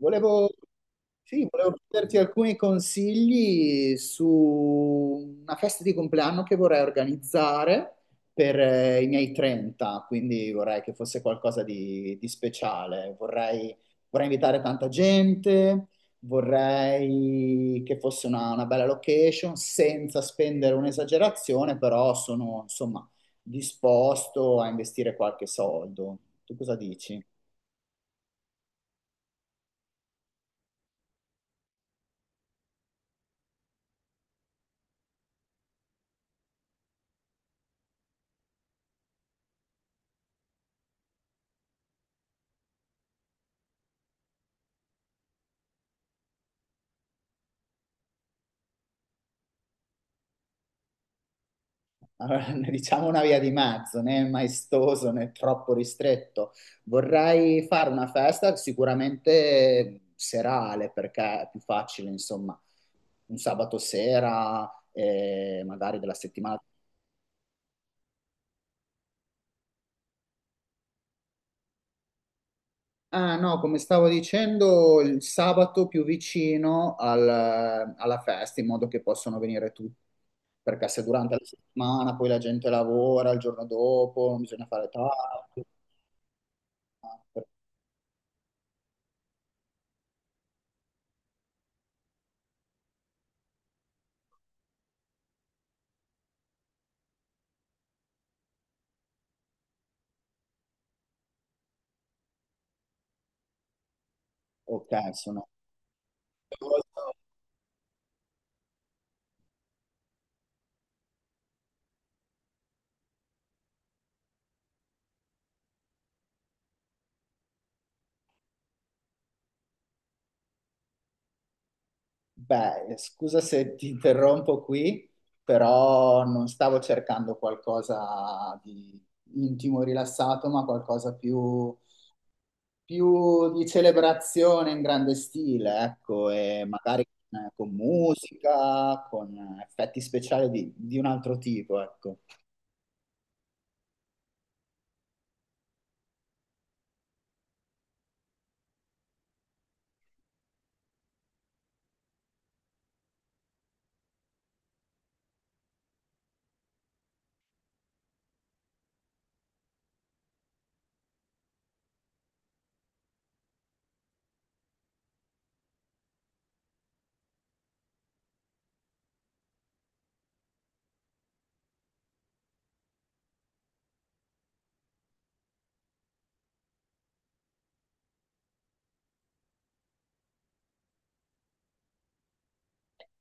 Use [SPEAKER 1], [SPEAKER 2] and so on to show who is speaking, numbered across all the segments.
[SPEAKER 1] Volevo, sì, volevo chiederti alcuni consigli su una festa di compleanno che vorrei organizzare per i miei 30, quindi vorrei che fosse qualcosa di speciale. Vorrei invitare tanta gente, vorrei che fosse una bella location senza spendere un'esagerazione, però sono insomma disposto a investire qualche soldo. Tu cosa dici? Allora, ne diciamo una via di mezzo, né maestoso né troppo ristretto. Vorrei fare una festa sicuramente serale perché è più facile, insomma, un sabato sera, magari della settimana. Ah, no, come stavo dicendo, il sabato più vicino alla festa, in modo che possano venire tutti, perché se durante la settimana poi la gente lavora, il giorno dopo bisogna fare tardi. Ok, sono. Beh, scusa se ti interrompo qui, però non stavo cercando qualcosa di intimo e rilassato, ma qualcosa più di celebrazione in grande stile, ecco, e magari con musica, con effetti speciali di un altro tipo, ecco.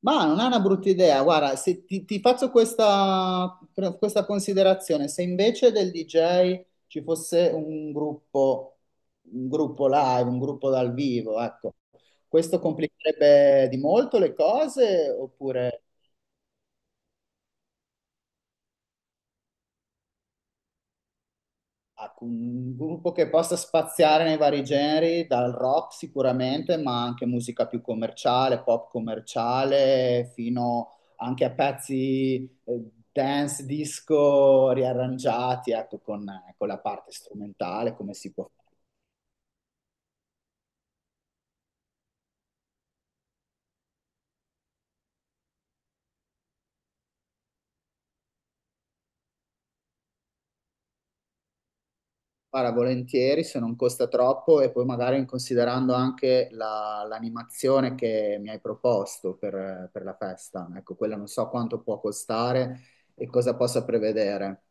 [SPEAKER 1] Ma non è una brutta idea, guarda, se ti faccio questa considerazione, se invece del DJ ci fosse un gruppo live, un gruppo dal vivo, ecco, questo complicherebbe di molto le cose oppure... Ah, con un gruppo che possa spaziare nei vari generi, dal rock sicuramente, ma anche musica più commerciale, pop commerciale, fino anche a pezzi dance, disco riarrangiati, ecco, con la parte strumentale, come si può fare volentieri se non costa troppo e poi magari considerando anche l'animazione che mi hai proposto per la festa. Ecco, quella non so quanto può costare e cosa possa prevedere.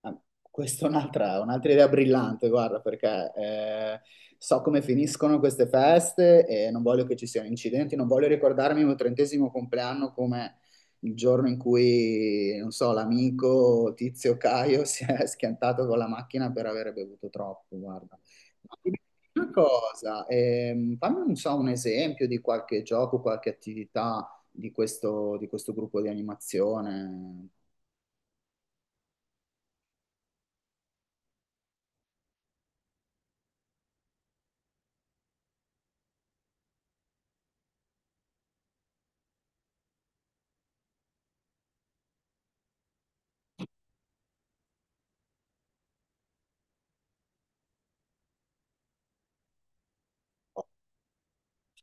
[SPEAKER 1] Ah, questa è un'altra idea brillante, guarda, perché so come finiscono queste feste e non voglio che ci siano incidenti, non voglio ricordarmi il mio trentesimo compleanno come il giorno in cui, non so, l'amico Tizio Caio si è schiantato con la macchina per aver bevuto troppo, guarda. Ma dimmi una cosa, fammi non so, un esempio di qualche gioco, qualche attività di di questo gruppo di animazione.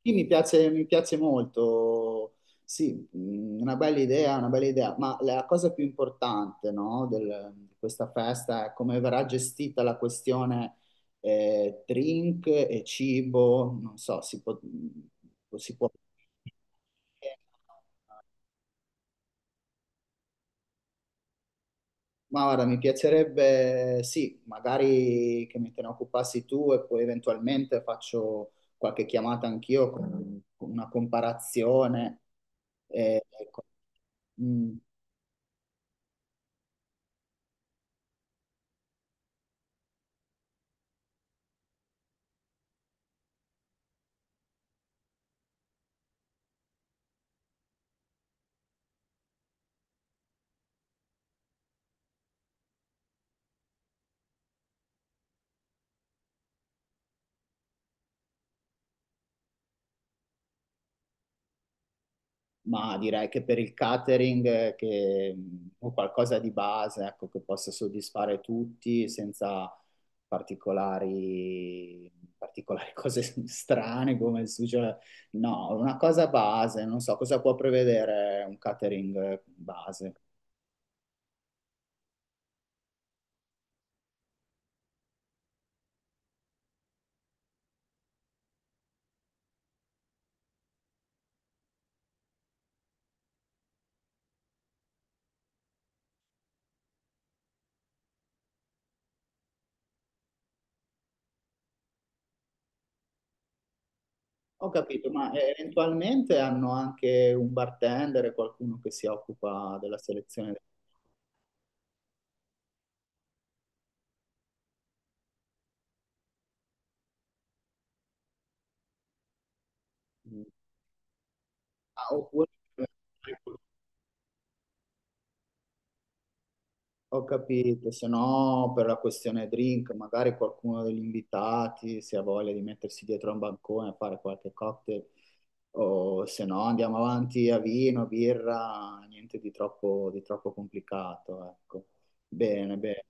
[SPEAKER 1] Sì, mi piace molto, sì, una bella idea, ma la cosa più importante, no, di questa festa è come verrà gestita la questione drink e cibo, non so, si può, mm, si può. Eh, Ma guarda, mi piacerebbe, sì, magari che me te ne occupassi tu e poi eventualmente faccio qualche chiamata anch'io con una comparazione. Eh, ecco. Mm. Ma direi che per il catering che, o qualcosa di base, ecco, che possa soddisfare tutti senza particolari, particolari cose strane come il sugo. No, una cosa base, non so cosa può prevedere un catering base. Ho capito, ma eventualmente hanno anche un bartender e qualcuno che si occupa della selezione. Ah, oppure ho capito, se no per la questione drink, magari qualcuno degli invitati se ha voglia di mettersi dietro a un bancone a fare qualche cocktail, o se no andiamo avanti a vino, birra, niente di troppo, di troppo complicato, ecco. Bene, bene.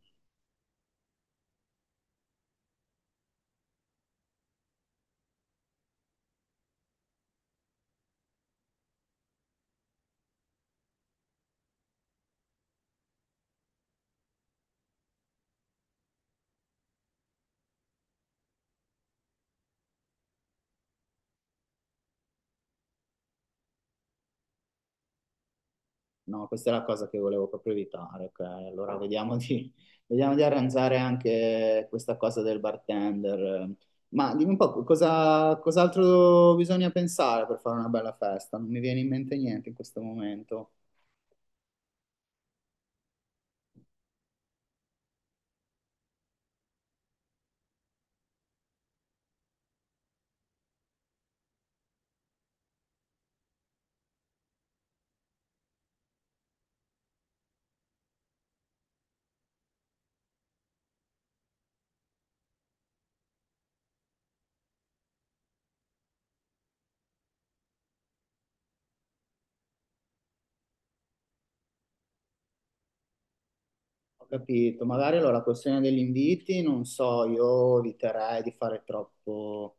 [SPEAKER 1] No, questa è la cosa che volevo proprio evitare. Ok? Allora vediamo di arrangiare anche questa cosa del bartender. Ma dimmi un po' cosa, cos'altro bisogna pensare per fare una bella festa? Non mi viene in mente niente in questo momento. Ho capito, magari allora la questione degli inviti, non so, io eviterei di fare troppo,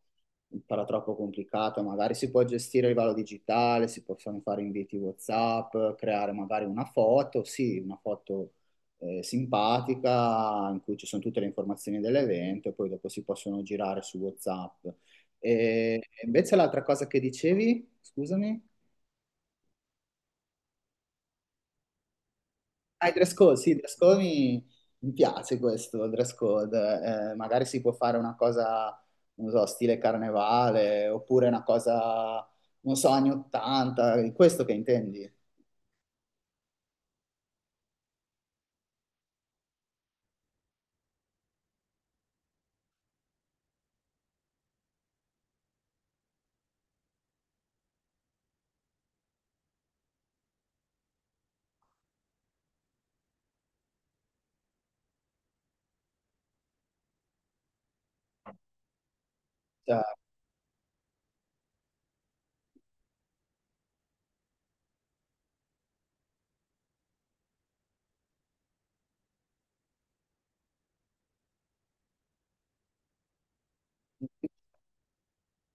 [SPEAKER 1] di farla troppo complicato, magari si può gestire a livello digitale, si possono fare inviti WhatsApp, creare magari una foto, sì, una foto simpatica in cui ci sono tutte le informazioni dell'evento e poi dopo si possono girare su WhatsApp. E invece l'altra cosa che dicevi, scusami? Ah, il dress code, sì, il dress code mi piace questo il dress code. Magari si può fare una cosa, non so, stile carnevale, oppure una cosa, non so, anni 80, è questo che intendi? Cioè,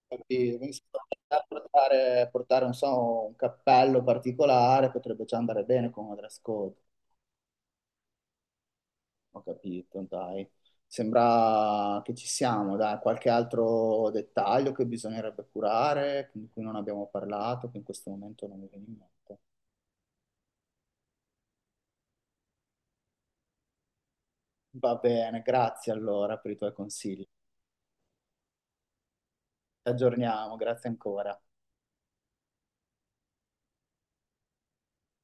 [SPEAKER 1] quindi se potete portare, non so, un cappello particolare potrebbe già andare bene con un dress code. Ho capito, dai. Sembra che ci siamo, dai, qualche altro dettaglio che bisognerebbe curare, di cui non abbiamo parlato, che in questo momento non mi viene in mente. Va bene, grazie allora per i tuoi consigli. Ci aggiorniamo, grazie ancora.